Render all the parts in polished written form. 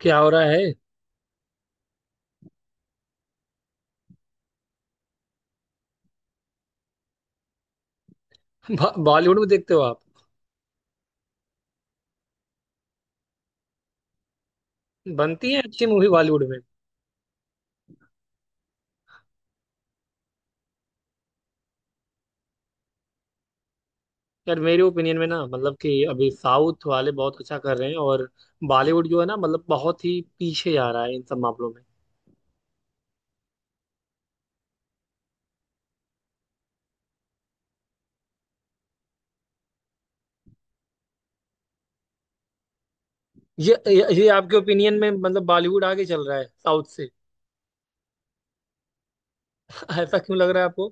क्या हो रहा है। बॉलीवुड में देखते हो आप। बनती है अच्छी मूवी बॉलीवुड में। यार मेरे ओपिनियन में ना मतलब कि अभी साउथ वाले बहुत अच्छा कर रहे हैं और बॉलीवुड जो है ना मतलब बहुत ही पीछे जा रहा है इन सब मामलों में। ये आपके ओपिनियन में मतलब बॉलीवुड आगे चल रहा है साउथ से? ऐसा क्यों लग रहा है आपको?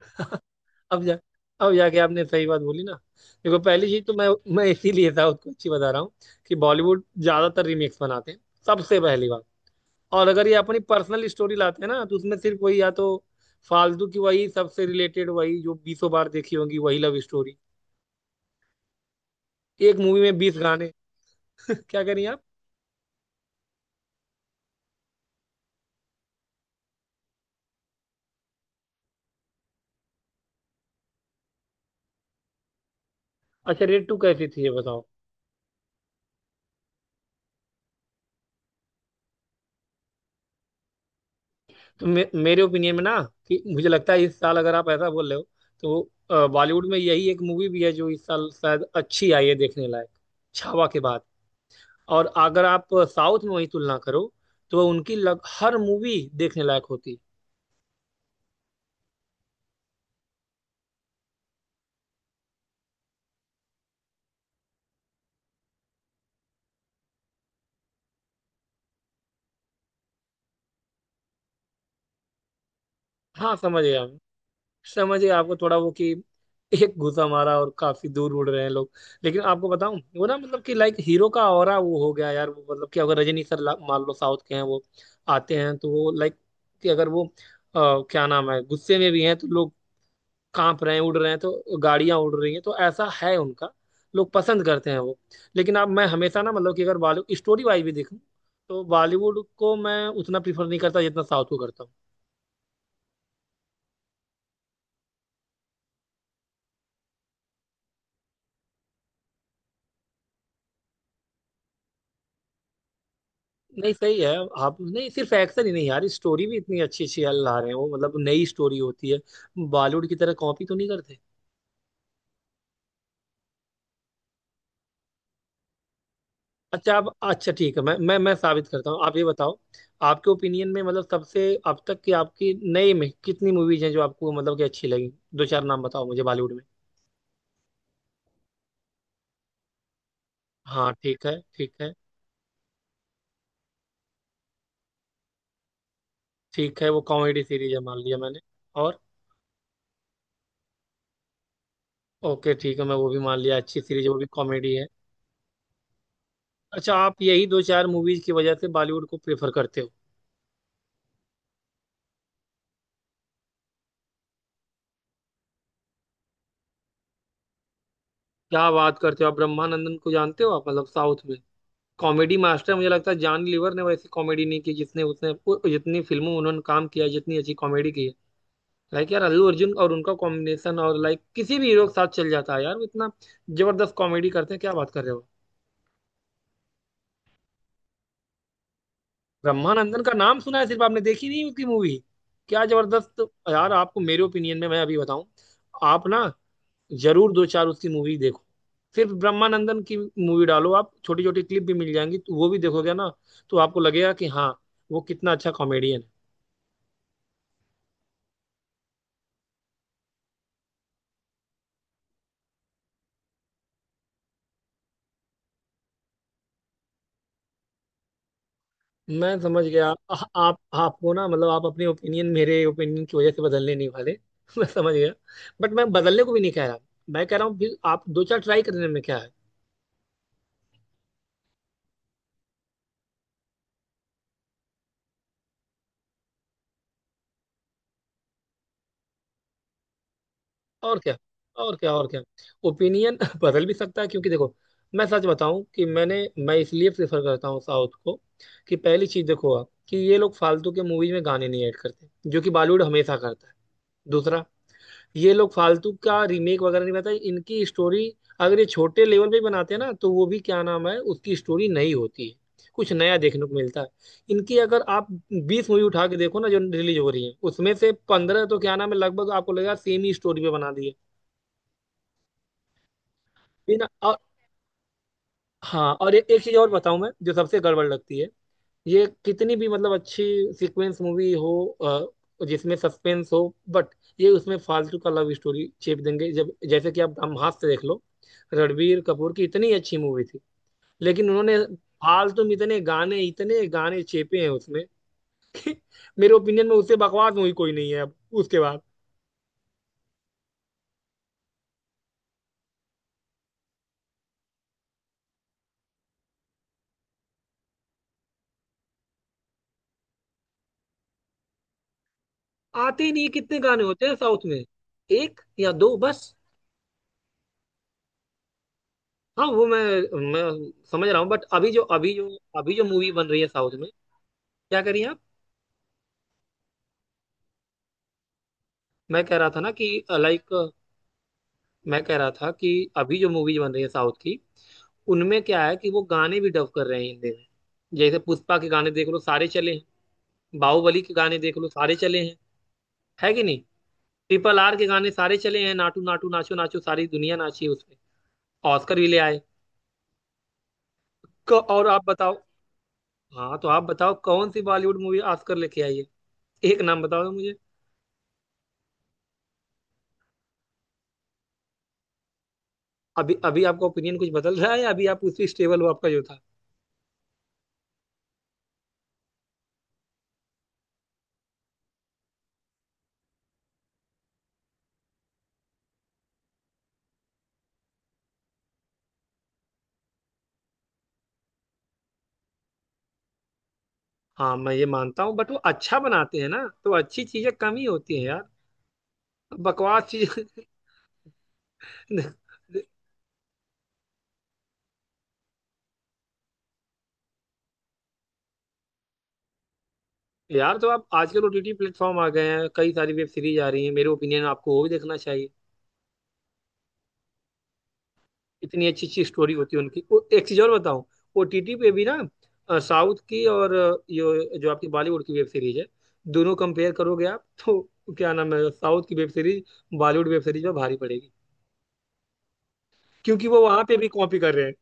अब जा। अब जाके आपने सही बात बोली ना। देखो पहली चीज तो मैं। मैं इसीलिए साउथ को अच्छी बता रहा हूँ कि बॉलीवुड ज्यादातर रीमेक्स बनाते हैं। सबसे पहली बात। और अगर ये अपनी पर्सनल स्टोरी लाते हैं ना तो उसमें सिर्फ वही या तो फालतू की वही सबसे रिलेटेड वही जो बीसों बार देखी होंगी वही लव स्टोरी। एक मूवी में 20 गाने। क्या करें आप। अच्छा रेड 2 कैसी थी ये बताओ। मेरे ओपिनियन में ना कि मुझे लगता है इस साल अगर आप ऐसा बोल रहे हो तो बॉलीवुड में यही एक मूवी भी है जो इस साल शायद अच्छी आई है देखने लायक छावा के बाद। और अगर आप साउथ में वही तुलना करो तो हर मूवी देखने लायक होती। हाँ समझ गया। समझिए आपको थोड़ा वो कि एक घुसा मारा और काफी दूर उड़ रहे हैं लोग। लेकिन आपको बताऊं वो ना मतलब कि लाइक हीरो का ऑरा वो हो गया यार वो मतलब कि अगर रजनी सर मान लो साउथ के हैं वो आते हैं तो वो लाइक कि अगर वो अ, क्या नाम है गुस्से में भी हैं तो लोग कांप रहे हैं उड़ रहे हैं तो गाड़ियां उड़ रही हैं तो ऐसा है उनका। लोग पसंद करते हैं वो। लेकिन अब मैं हमेशा ना मतलब कि अगर बॉलीवुड स्टोरी वाइज भी देखूं तो बॉलीवुड को मैं उतना प्रीफर नहीं करता जितना साउथ को करता हूँ। नहीं सही है। आप नहीं सिर्फ एक्शन ही नहीं यार स्टोरी भी इतनी अच्छी अच्छी यार ला रहे हैं वो मतलब नई स्टोरी होती है बॉलीवुड की तरह कॉपी तो नहीं करते। अच्छा आप अच्छा ठीक है मैं साबित करता हूँ आप ये बताओ। आपके ओपिनियन में मतलब सबसे अब तक की आपकी नई में कितनी मूवीज हैं जो आपको मतलब कि अच्छी लगी। दो चार नाम बताओ मुझे बॉलीवुड में। हाँ ठीक है ठीक है। ठीक है वो कॉमेडी सीरीज है मान लिया मैंने। और ओके ठीक है मैं वो भी मान लिया अच्छी सीरीज है वो भी कॉमेडी है। अच्छा आप यही दो चार मूवीज की वजह से बॉलीवुड को प्रेफर करते हो? क्या बात करते हो आप ब्रह्मानंदन को जानते हो आप मतलब साउथ में कॉमेडी मास्टर। मुझे लगता है जॉन लीवर ने वैसी कॉमेडी नहीं की जिसने उसने जितनी फिल्मों में उन्होंने काम किया है, जितनी अच्छी कॉमेडी की है। लाइक यार अल्लू अर्जुन और उनका कॉम्बिनेशन और लाइक किसी भी हीरो के साथ चल जाता है यार वो इतना जबरदस्त कॉमेडी करते हैं। क्या बात कर रहे हो? ब्रह्मानंदन का नाम सुना है सिर्फ आपने देखी नहीं उसकी मूवी। क्या जबरदस्त। यार आपको मेरे ओपिनियन में मैं अभी बताऊं आप ना जरूर दो चार उसकी मूवी देखो। सिर्फ ब्रह्मानंदन की मूवी डालो आप छोटी छोटी क्लिप भी मिल जाएंगी तो वो भी देखोगे ना तो आपको लगेगा कि हाँ वो कितना अच्छा कॉमेडियन है। मैं समझ गया। आप आपको ना मतलब आप अपने ओपिनियन मेरे ओपिनियन की वजह से बदलने नहीं वाले। मैं समझ गया। बट मैं बदलने को भी नहीं कह रहा। मैं कह रहा हूँ फिर आप दो चार ट्राई करने में क्या है। और क्या और क्या और क्या। ओपिनियन बदल भी सकता है क्योंकि देखो मैं सच बताऊं कि मैं इसलिए प्रेफर करता हूँ साउथ को कि पहली चीज देखो आप कि ये लोग फालतू के मूवीज में गाने नहीं ऐड करते जो कि बॉलीवुड हमेशा करता है। दूसरा, ये लोग फालतू का रीमेक वगैरह नहीं बनाता। इनकी स्टोरी अगर ये छोटे लेवल पे बनाते हैं ना तो वो भी क्या नाम है उसकी स्टोरी नई होती है। कुछ नया देखने को मिलता है। इनकी अगर आप 20 मूवी उठा के देखो ना जो रिलीज हो रही है उसमें से 15 तो क्या नाम है लगभग आपको लगेगा सेम ही स्टोरी पे बना दी है बिना। और हाँ और एक चीज और बताऊं मैं जो सबसे गड़बड़ लगती है। ये कितनी भी मतलब अच्छी सीक्वेंस मूवी हो जिसमें सस्पेंस हो बट ये उसमें फालतू का लव स्टोरी चेप देंगे जब जैसे कि आप ब्रह्मास्त्र देख लो। रणबीर कपूर की इतनी अच्छी मूवी थी लेकिन उन्होंने फालतू में इतने गाने चेपे हैं उसमें। मेरे ओपिनियन में उससे बकवास मूवी कोई नहीं है अब उसके बाद। आते ही नहीं कितने गाने होते हैं साउथ में एक या दो बस। हाँ वो मैं समझ रहा हूँ बट अभी जो मूवी बन रही है साउथ में। क्या करिए आप। मैं कह रहा था ना कि लाइक मैं कह रहा था कि अभी जो मूवी बन रही है साउथ की उनमें क्या है कि वो गाने भी डब कर रहे हैं हिंदी में। जैसे पुष्पा के गाने देख लो सारे चले हैं। बाहुबली के गाने देख लो सारे चले हैं है कि नहीं। RRR के गाने सारे चले हैं नाटू नाटू नाचो नाचो सारी दुनिया नाची है उसमें। ऑस्कर भी ले आए। और आप बताओ। हाँ तो आप बताओ कौन सी बॉलीवुड मूवी ऑस्कर लेके आई है? एक नाम बताओ मुझे। अभी अभी आपका ओपिनियन कुछ बदल रहा है या अभी आप उसी स्टेबल हो आपका जो था? हाँ मैं ये मानता हूँ बट वो अच्छा बनाते हैं ना तो अच्छी चीजें कम ही होती हैं यार। बकवास चीजें। यार तो आप आजकल OTT प्लेटफॉर्म आ गए हैं कई सारी वेब सीरीज आ रही हैं मेरे ओपिनियन आपको वो भी देखना चाहिए। इतनी अच्छी अच्छी स्टोरी होती है उनकी वो एक चीज और बताऊं। OTT पे भी ना साउथ की और यो जो आपकी बॉलीवुड की वेब सीरीज है दोनों कंपेयर करोगे आप तो क्या नाम है साउथ की web series Bollywood web series में भारी पड़ेगी क्योंकि वो वहां पे भी कॉपी कर रहे हैं।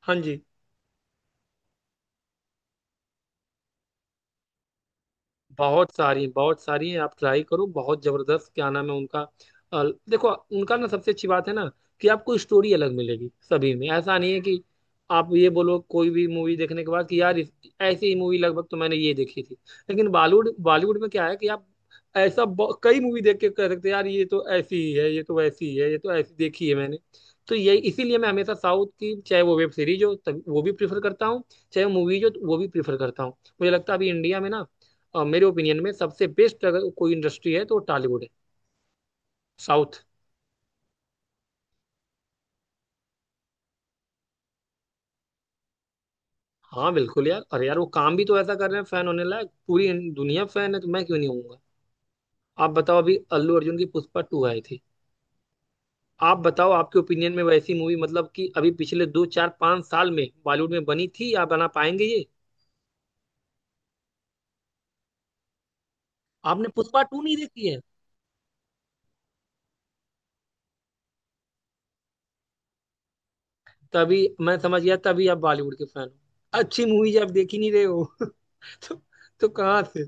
हाँ जी। बहुत सारी हैं आप ट्राई करो बहुत जबरदस्त क्या नाम है उनका। अ, देखो उनका ना सबसे अच्छी बात है ना कि आपको स्टोरी अलग मिलेगी सभी में ऐसा नहीं है कि आप ये बोलो कोई भी मूवी देखने के बाद कि यार ऐसी ही मूवी लगभग तो मैंने ये देखी थी। लेकिन बॉलीवुड बॉलीवुड में क्या है कि आप ऐसा कई मूवी देख के कह सकते हैं यार ये तो ऐसी ही है ये तो वैसी ही है ये तो ऐसी देखी है मैंने। तो यही इसीलिए मैं हमेशा साउथ की चाहे वो वेब सीरीज हो तब वो भी प्रीफर करता हूँ चाहे मूवीज हो तो वो भी प्रीफर करता हूँ। मुझे लगता है अभी इंडिया में ना मेरे ओपिनियन में सबसे बेस्ट अगर कोई इंडस्ट्री है तो टॉलीवुड है साउथ। हाँ बिल्कुल यार अरे यार वो काम भी तो ऐसा कर रहे हैं फैन होने लायक पूरी दुनिया फैन है तो मैं क्यों नहीं होऊंगा। आप बताओ अभी अल्लू अर्जुन की पुष्पा 2 आई थी। आप बताओ आपके ओपिनियन में वैसी मूवी मतलब कि अभी पिछले दो चार पांच साल में बॉलीवुड में बनी थी या बना पाएंगे ये। आपने पुष्पा 2 नहीं देखी है? तभी मैं समझ गया तभी आप बॉलीवुड के फैन हो। अच्छी मूवी आप देख ही नहीं रहे हो। तो, तो कहाँ से।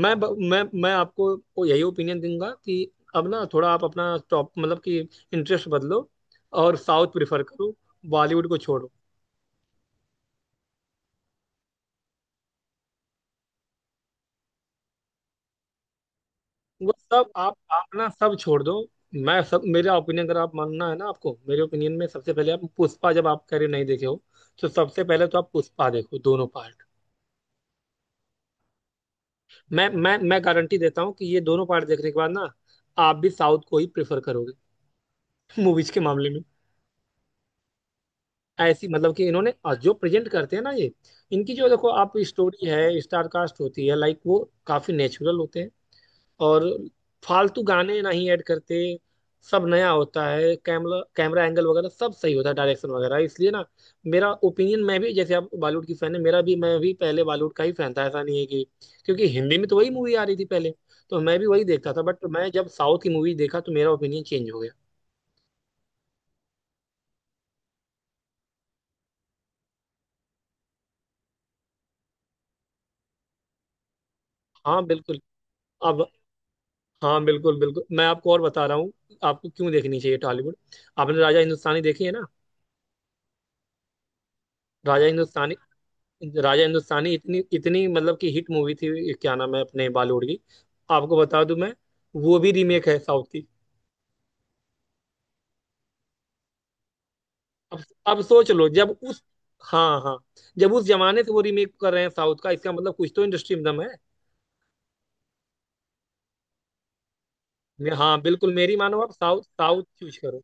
मैं ब- मैं आपको वो यही ओपिनियन दूंगा कि अब ना थोड़ा आप अपना टॉप मतलब कि इंटरेस्ट बदलो और साउथ प्रिफर करो बॉलीवुड को छोड़ो। वो सब आप ना सब छोड़ दो। मैं सब मेरा ओपिनियन अगर आप मानना है ना आपको मेरे ओपिनियन में सबसे पहले आप पुष्पा जब आप कह रहे हो नहीं देखे हो तो सबसे पहले तो आप पुष्पा देखो दोनों पार्ट। मैं गारंटी देता हूँ कि ये दोनों पार्ट देखने के बाद ना आप भी साउथ को ही प्रेफर करोगे। मूवीज के मामले में। ऐसी मतलब कि इन्होंने और जो प्रेजेंट करते हैं ना ये इनकी जो देखो आप स्टोरी है स्टार कास्ट होती है लाइक वो काफी नेचुरल होते हैं और फालतू गाने नहीं ऐड करते। सब नया होता है कैमरा कैमरा एंगल वगैरह सब सही होता है डायरेक्शन वगैरह इसलिए ना मेरा ओपिनियन मैं भी जैसे आप बॉलीवुड की फैन है मेरा भी मैं भी पहले बॉलीवुड का ही फैन था ऐसा नहीं है कि क्योंकि हिंदी में तो वही मूवी आ रही थी पहले तो मैं भी वही देखता था बट मैं जब साउथ की मूवी देखा तो मेरा ओपिनियन चेंज हो गया। हाँ बिल्कुल। अब हाँ बिल्कुल बिल्कुल मैं आपको और बता रहा हूँ आपको क्यों देखनी चाहिए टॉलीवुड। आपने राजा हिंदुस्तानी देखी है ना। राजा हिंदुस्तानी। राजा हिंदुस्तानी इतनी इतनी मतलब कि हिट मूवी थी क्या नाम है अपने बॉलीवुड की आपको बता दूं मैं वो भी रीमेक है साउथ की। अब अब सोच लो जब उस हाँ हाँ जब उस जमाने से वो रीमेक कर रहे हैं साउथ का इसका मतलब कुछ तो इंडस्ट्री में दम है। हाँ बिल्कुल मेरी मानो आप साउथ साउथ चूज करो।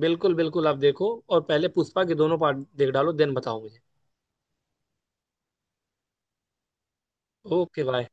बिल्कुल बिल्कुल आप देखो और पहले पुष्पा के दोनों पार्ट देख डालो देन बताओ मुझे। Okay bye.